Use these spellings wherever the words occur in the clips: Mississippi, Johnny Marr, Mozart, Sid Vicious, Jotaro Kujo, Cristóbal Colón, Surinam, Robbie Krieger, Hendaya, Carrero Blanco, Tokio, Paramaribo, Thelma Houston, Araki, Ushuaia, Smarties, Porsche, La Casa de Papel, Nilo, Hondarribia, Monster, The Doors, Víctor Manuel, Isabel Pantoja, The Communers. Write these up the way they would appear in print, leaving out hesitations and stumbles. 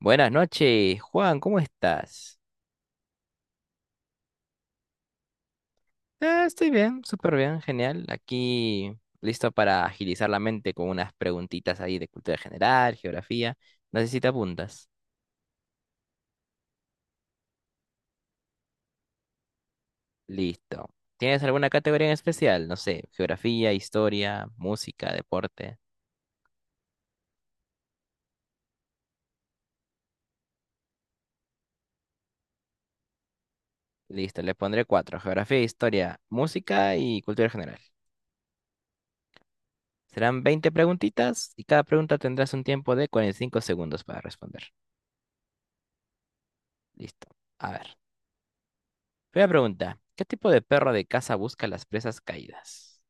Buenas noches, Juan, ¿cómo estás? Estoy bien, súper bien, genial. Aquí listo para agilizar la mente con unas preguntitas ahí de cultura general, geografía. No sé si te apuntas. Listo. ¿Tienes alguna categoría en especial? No sé, geografía, historia, música, deporte. Listo, le pondré cuatro. Geografía, historia, música y cultura general. Serán 20 preguntitas y cada pregunta tendrás un tiempo de cuarenta y cinco segundos para responder. Listo. A ver. Primera pregunta, ¿qué tipo de perro de caza busca las presas caídas?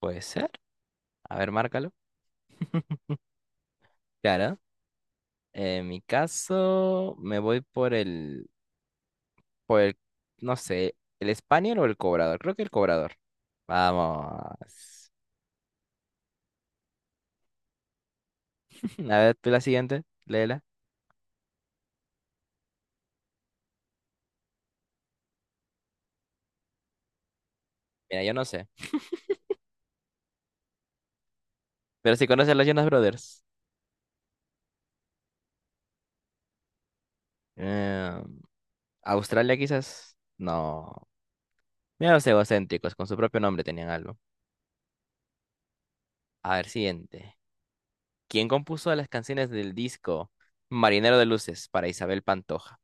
Puede ser. A ver, márcalo. Claro. En mi caso, me voy por el, no sé, el español o el cobrador. Creo que el cobrador. Vamos. A ver, tú la siguiente, léela. Mira, yo no sé. Pero si conoces a los Jonas Brothers. Eh, Australia quizás. No. Mira los egocéntricos, con su propio nombre tenían algo. A ver, siguiente. ¿Quién compuso las canciones del disco Marinero de Luces para Isabel Pantoja?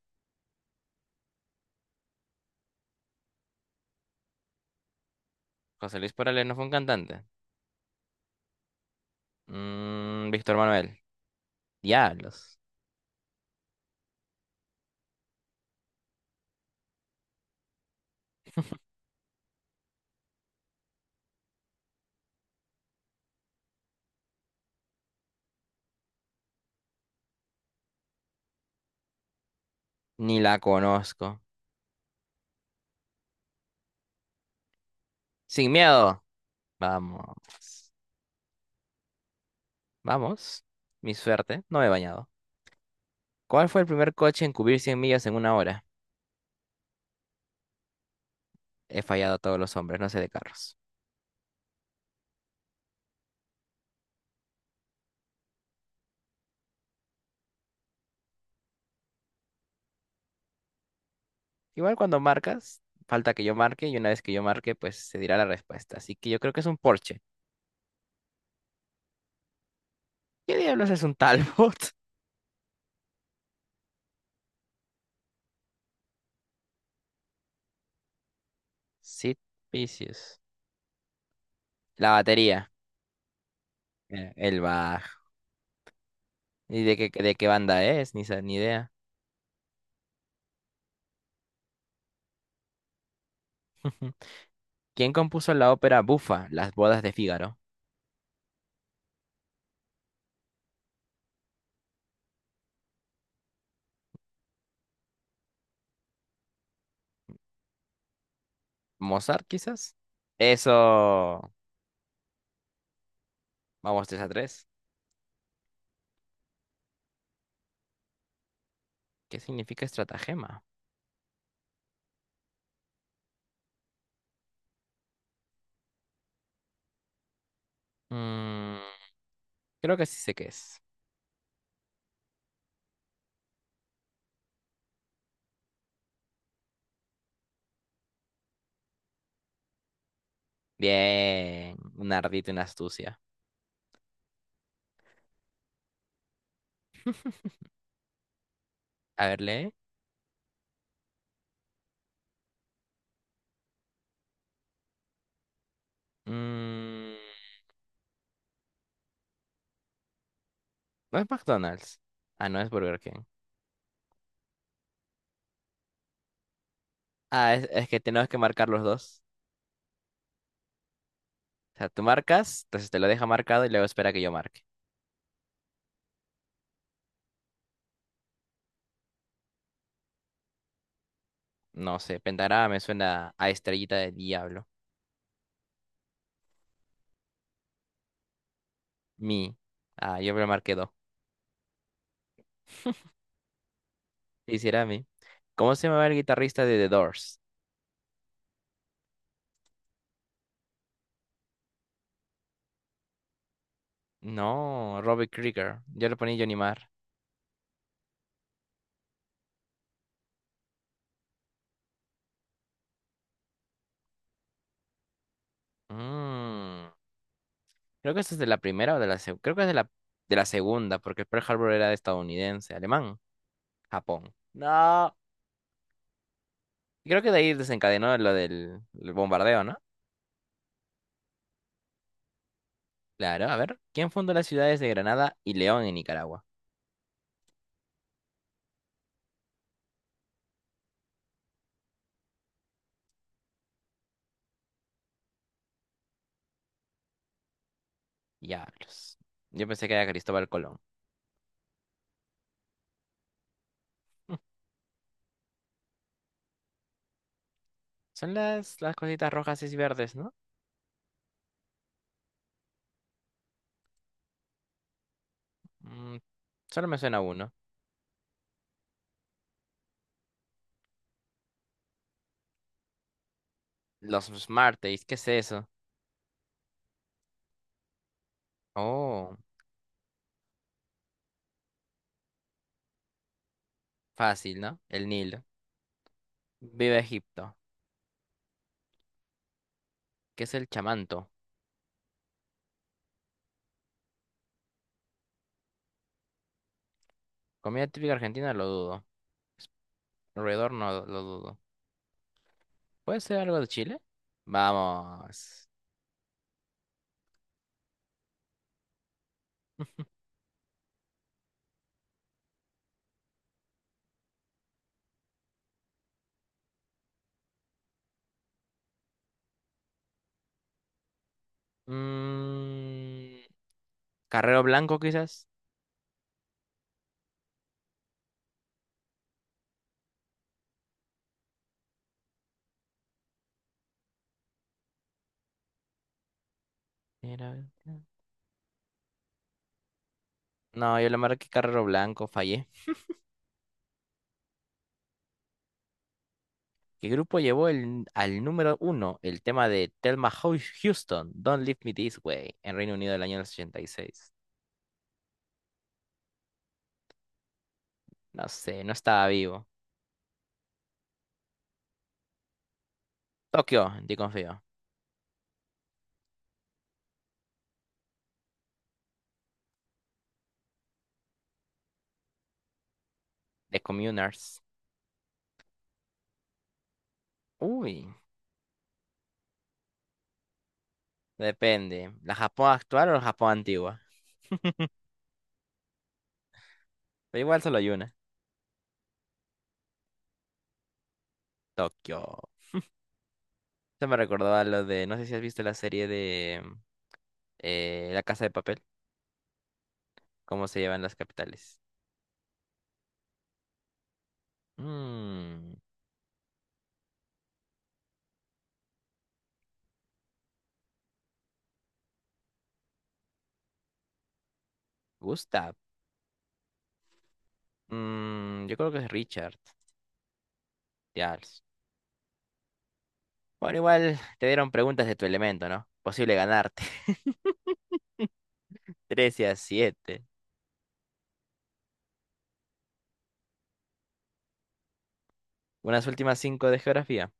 José Luis Perales no fue un cantante. Víctor Manuel. Diablos. Ni la conozco. Sin miedo. Vamos. Vamos. Mi suerte. No me he bañado. ¿Cuál fue el primer coche en cubrir 100 millas en una hora? He fallado a todos los hombres, no sé de carros. Igual cuando marcas, falta que yo marque y una vez que yo marque, pues se dirá la respuesta. Así que yo creo que es un Porsche. ¿Qué diablos es un Talbot? Sid Vicious. La batería, el bajo. ¿Y de qué banda es? Ni, ni idea. ¿Quién compuso la ópera Bufa, Las bodas de Fígaro? ¿Mozart, quizás? Eso. Vamos 3 a tres. ¿Qué significa estratagema? Mm, Creo que sí sé qué es. Bien. Un ardito, una astucia. A ver, lee. Mm, no es McDonald's. Ah, no es Burger King. Ah, es que tenemos que marcar los dos. O sea, tú marcas, entonces te lo deja marcado y luego espera que yo marque. No sé, pentagrama me suena a estrellita de diablo. Mi. Ah, yo me lo marqué dos. Quisiera a mí. ¿Cómo se llamaba el guitarrista de The Doors? No, Robbie Krieger. Yo lo ponía Johnny Marr. Mm, Creo que esa es de la primera o de la segunda. Creo que es de la segunda, porque Pearl Harbor era estadounidense, alemán, Japón. No. Creo que de ahí desencadenó lo del el bombardeo, ¿no? Claro, a ver. ¿Quién fundó las ciudades de Granada y León en Nicaragua? Diablos. Yo pensé que era Cristóbal Colón. Son las cositas rojas y verdes, ¿no? Mm, Solo me suena uno. Los smarties, ¿qué es eso? Oh, fácil, ¿no? El Nilo. Viva Egipto. ¿Qué es el chamanto? Comida típica argentina, lo dudo. Alrededor no lo dudo. ¿Puede ser algo de Chile? Vamos. Mm, Carrero Blanco, quizás. Era- No, yo le marqué Carrero Blanco, fallé. ¿Qué grupo llevó al número uno el tema de Thelma Houston, Don't Leave Me This Way, en Reino Unido del año 86? No sé, no estaba vivo. Tokio, en confío. The Communers. Uy, depende. ¿La Japón actual o la Japón antigua? Pero igual solo hay una. Tokio. Se me recordó a lo de, no sé si has visto la serie de La Casa de Papel, cómo se llevan las capitales. Mmm, Gustav. Mm, yo creo que es Richard. Ya. Bueno, igual te dieron preguntas de tu elemento, ¿no? Posible ganarte. 13 a siete. Unas últimas 5 de geografía.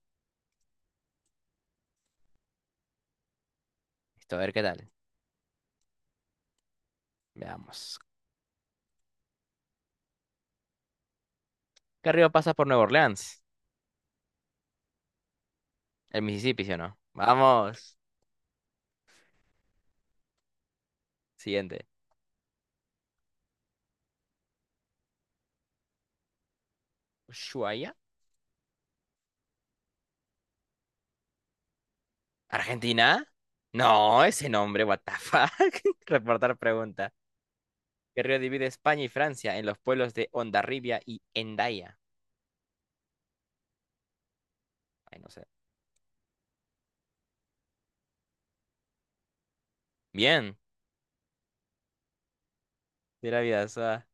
Listo, a ver qué tal. Veamos. ¿Qué río pasa por Nueva Orleans? El Mississippi, ¿sí o no? Vamos. Siguiente. ¿Ushuaia? ¿Argentina? No, ese nombre, what the fuck. Reportar pregunta. ¿Qué río divide España y Francia en los pueblos de Hondarribia y Hendaya? Ay, no sé. Bien. De la vida, Suá.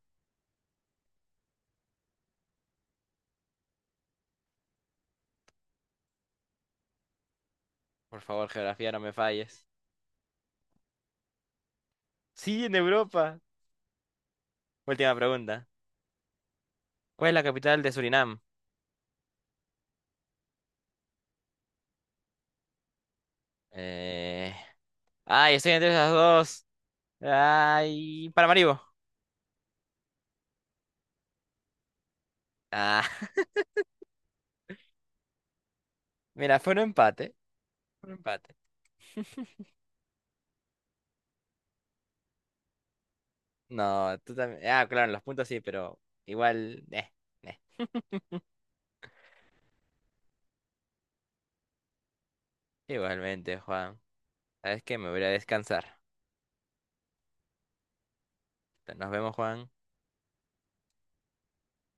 Por favor, geografía, no me falles. Sí, en Europa. Última pregunta. ¿Cuál es la capital de Surinam? Eh... Ay, estoy entre esas dos. Ay, Paramaribo. Ah, mira, fue un empate. Fue un empate. No, tú también. Ah, claro, en los puntos sí, pero igual. Eh. Igualmente, Juan. ¿Sabes qué? Me voy a ir a descansar. Nos vemos, Juan.